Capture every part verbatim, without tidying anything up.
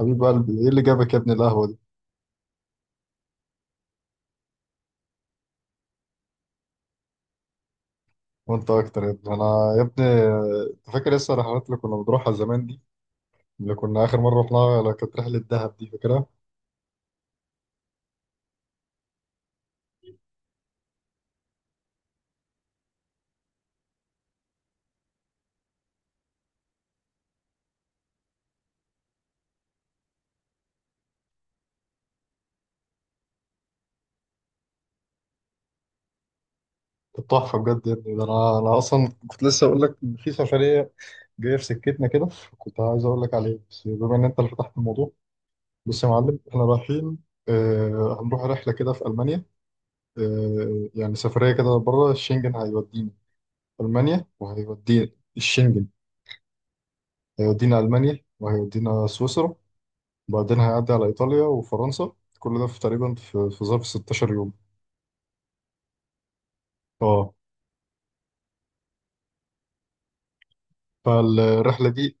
حبيب قلبي، ايه اللي جابك يا ابني؟ القهوه دي. وانت اكتر يا ابني. انا يا ابني، انت فاكر لسه الرحلات اللي كنا بنروحها زمان دي؟ اللي كنا اخر مره رحناها، اللي كانت رحله دهب دي، فاكرها؟ كانت تحفه بجد يا ابني. ده انا انا اصلا كنت لسه اقول لك ان في سفريه جايه في سكتنا كده. كنت عايز اقول لك عليها، بس بما ان انت اللي فتحت الموضوع. بص يا معلم، احنا رايحين. آه هنروح رحله كده في المانيا. آه يعني سفريه كده بره الشنجن، هيودينا المانيا وهيودينا. الشنجن. هيودينا المانيا وهيودينا سويسرا، وبعدين هيعدي على إيطاليا وفرنسا. كل ده في تقريبا في في ظرف 16 يوم. اه. فالرحلة دي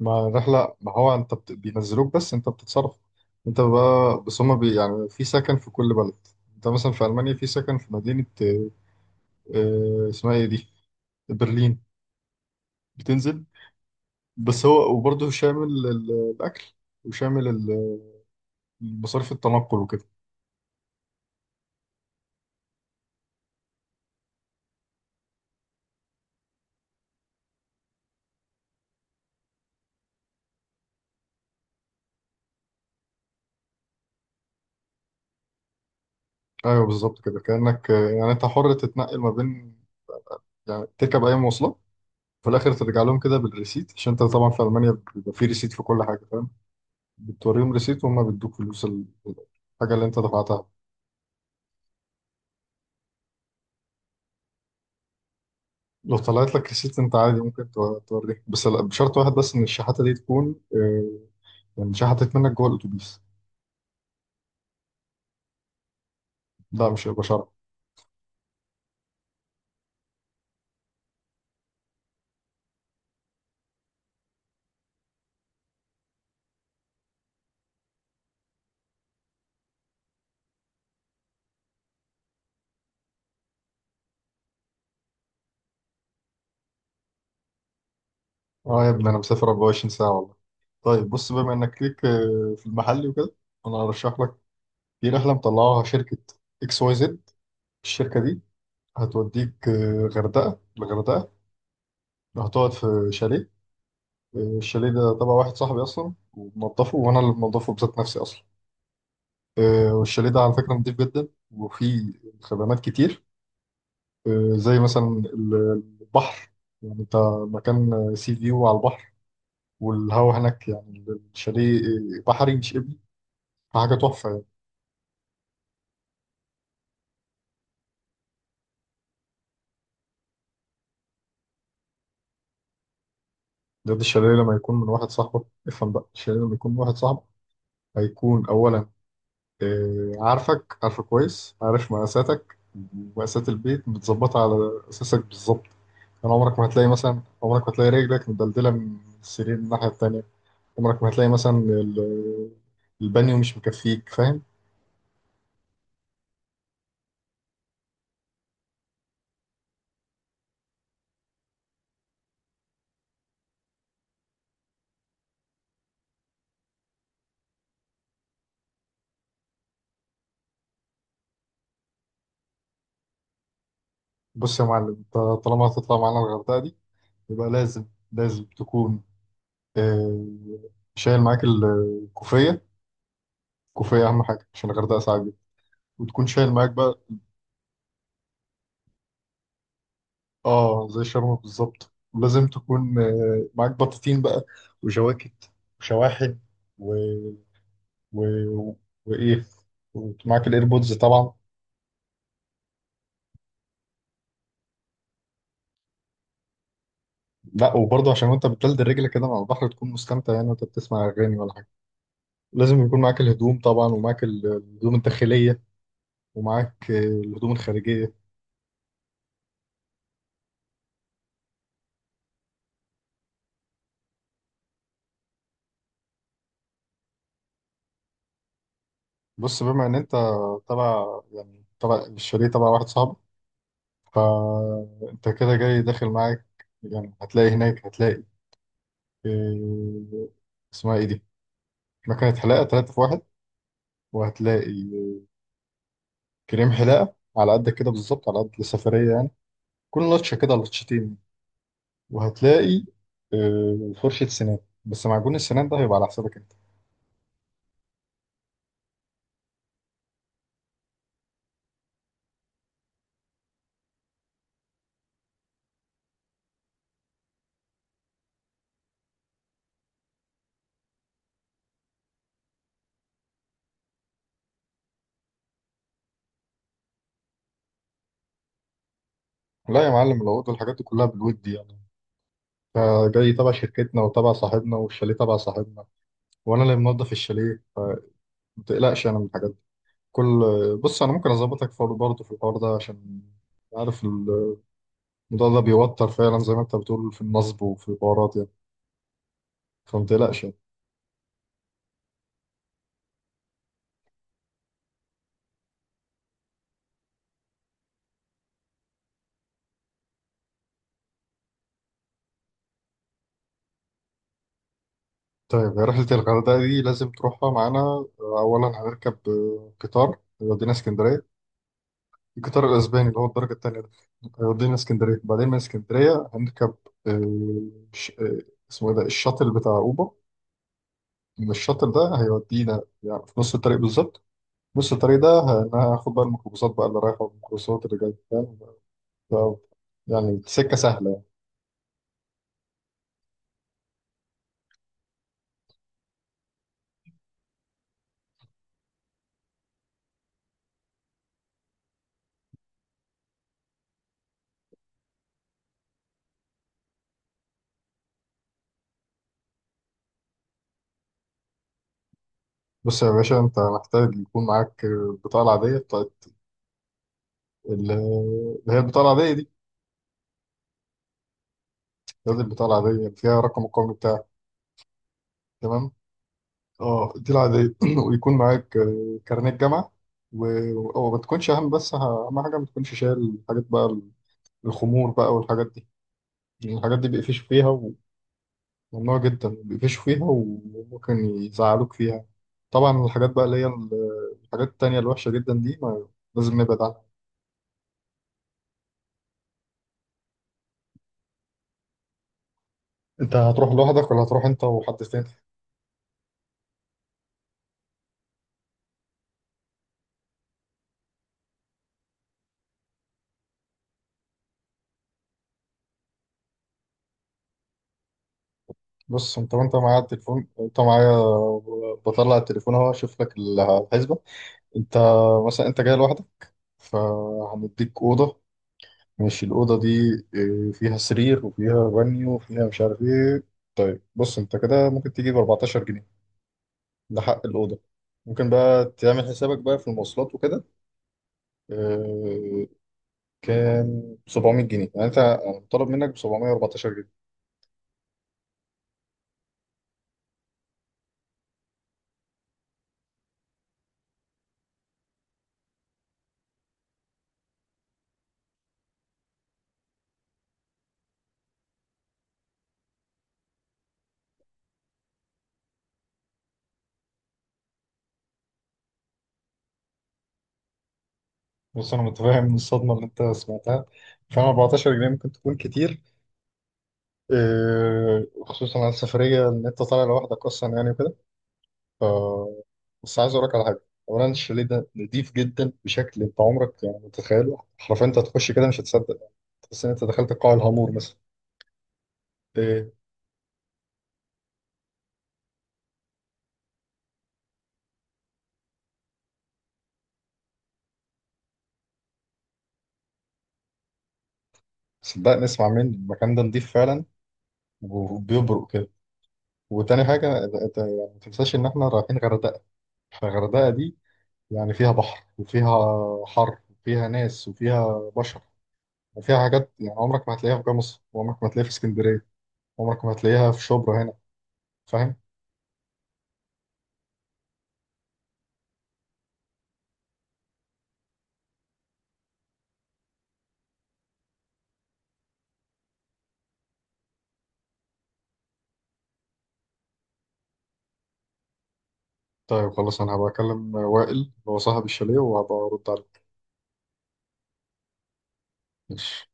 مع الرحلة، ما هو انت بت- بينزلوك بس انت بتتصرف. انت بقى بس هما بي يعني في سكن في كل بلد. انت مثلا في ألمانيا في سكن في مدينة، آه، اسمها ايه دي؟ برلين. بتنزل بس هو، وبرضه شامل ال- الأكل، وشامل ال- مصاريف التنقل وكده. ايوه بالظبط كده، كأنك آه، يعني انت حر تتنقل ما بين، يعني تركب اي مواصلات. في الاخر ترجع لهم كده بالريسيت، عشان انت طبعا في المانيا بيبقى في ريسيت في كل حاجه، فاهم؟ بتوريهم ريسيت وهم بيدوك فلوس ال- الحاجه اللي انت دفعتها. لو طلعت لك ريسيت انت عادي ممكن تو- توريه، بس لا- بشرط واحد بس ان الشحاته دي تكون آه، يعني شحتت منك جوه الاتوبيس. لا، مش هيبقى شرط. اه يا ابني، انا مسافر 24 ساعه والله. طيب بص، بما انك ليك آه، في المحلي وكده، انا هرشح لك في رحله مطلعوها شركه اكس واي زد. الشركه دي هتوديك آه، غردقه. الغردقه هتقعد في شاليه. الشاليه ده تبع واحد صاحبي اصلا، وبنضفه، وانا اللي بنضفه بذات نفسي اصلا. آه، والشاليه ده على فكره نضيف جدا، وفيه خدمات كتير. آه، زي مثلا ال- البحر. يعني انت مكان سي فيو على البحر، والهوا هناك يعني، الشاليه بحري مش ابني، حاجه تحفه يعني. ده, ده الشاليه لما يكون من واحد صاحبك، افهم بقى، الشاليه لما يكون من واحد صاحبك هيكون اولا آه، عارفك، عارفه كويس، عارف مقاساتك. مقاسات البيت متظبطه على اساسك بالظبط. يعني عمرك ما هتلاقي مثلا، عمرك ما هتلاقي رجلك مدلدلة من السرير من الناحية التانية. عمرك ما هتلاقي مثلا ال- البانيو مش مكفيك، فاهم؟ بص يا معلم، انت طالما هتطلع معانا الغردقة دي، يبقى لازم. لازم تكون آه، شايل معاك الكوفية. الكوفية أهم حاجة، عشان الغردقة ساعة جدا. وتكون شايل معاك بقى. اه زي شرم بالظبط، ولازم تكون آه، معاك بطاطين بقى، وجواكت، وشواحن، و... و... وإيه ومعاك الإيربودز طبعا. لا، وبرضه عشان وانت بتلد رجلك كده مع البحر تكون مستمتع، يعني وانت بتسمع اغاني ولا حاجه. لازم يكون معاك الهدوم طبعا، ومعاك ال- الهدوم الداخليه، ومعاك آه، الهدوم الخارجيه. بص بما ان انت تبع يعني تبع الشاليه تبع واحد صاحبك، فانت كده جاي داخل معاك. يعني هتلاقي هناك، هتلاقي آه، اسمها ايه دي، مكنه حلاقه ثلاثة في واحد. وهتلاقي كريم حلاقه على قدك كده بالظبط، على قد السفريه يعني، كل لطشه كده لطشتين. وهتلاقي آه، فرشة سنان، بس معجون السنان ده هيبقى على حسابك انت. لا يا معلم، لو قلت الحاجات دي كلها بالود يعني، انت جاي تبع شركتنا وتبع صاحبنا، والشاليه تبع صاحبنا، وانا اللي منظف الشاليه، فما تقلقش انا من الحاجات دي. كل بص انا ممكن اظبطك فور- برضه في الحوار ده، عشان عارف الموضوع ده بيوتر فعلا، زي ما انت بتقول في النصب وفي الحوارات يعني. فما تقلقش يعني. طيب هي رحلة الغردقة دي لازم تروحها معانا. أولا هنركب آه، قطار يودينا اسكندرية. الجيتار الاسباني اللي هو الدرجه الثانيه ده هيودينا اسكندريه، بعدين من اسكندريه هنركب آه، ش- آه، اسمه ايه ده الشاطئ بتاع اوبا. من الشاطئ ده هيودينا يعني في نص الطريق بالظبط. نص الطريق ده هناخد بقى الميكروباصات بقى اللي رايحه، والميكروباصات اللي جايه، فاهم؟ ف- يعني سكه سهله يعني. بص يا باشا، انت محتاج يكون معاك آه، البطاقه العاديه بتاعت ال- اللي هي البطاقه العاديه دي. هذه البطاقه العاديه اللي فيها رقم القومي بتاعك. تمام. اه دي العادية. ويكون معاك آه، كارنيه جامعة، و- و- وما تكونش أهم، بس ه- أهم حاجة ما تكونش شايل حاجات بقى. الخمور بقى والحاجات دي، يعني الحاجات دي بيقفشوا فيها، وممنوع جدا بيقفشوا فيها، وممكن يزعلوك فيها. طبعا الحاجات بقى اللي هي ال- الحاجات التانية الوحشة جدا دي ما، لازم نبعد عنها. أنت هتروح لوحدك ولا هتروح أنت وحد تاني؟ بص، أنت وأنت معايا التليفون، أنت معايا. بطلع التليفون أهو، أشوف لك الحسبة. أنت مثلا أنت جاي لوحدك، فهنديك أوضة. ماشي. الأوضة دي آه، فيها سرير وفيها بانيو وفيها مش عارف إيه. طيب بص، أنت كده ممكن تجيب اربعتاشر جنيه، ده حق الأوضة. ممكن بقى تعمل حسابك بقى في المواصلات وكده، آه، كام سبعمئة جنيه، يعني أنت أنا مطالب منك ب سبعمية واربعتاشر جنيه. بص، أنا متفاهم من الصدمة اللي أنت سمعتها. فعلا اربعتاشر جنيه ممكن تكون كتير، آه، خصوصا على السفرية إن أنت طالع لوحدك أصلا يعني. ف بس عايز اقول لك على حاجه. اولا الشاليه ده نضيف جدا بشكل انت عمرك يعني متخيله، حرفيا انت هتخش كده مش هتصدق يعني، تحس ان انت دخلت قاع الهامور مثلا. إيه، صدقني اسمع مني، المكان ده نضيف فعلا، وبيبرق كده. وتاني حاجه انت أنت يعني ما تنساش ان احنا رايحين غردقه، فغردقه دي يعني فيها بحر، وفيها حر، وفيها ناس، وفيها بشر، وفيها حاجات. يعني عمرك ما هتلاقيها في جمصة، وعمرك ما هتلاقيها في اسكندريه، عمرك ما هتلاقيها في شبرا هنا، فاهم؟ طيب خلاص، انا هبقى اكلم وائل اللي هو صاحب الشاليه وهبقى ارد عليك. ماشي.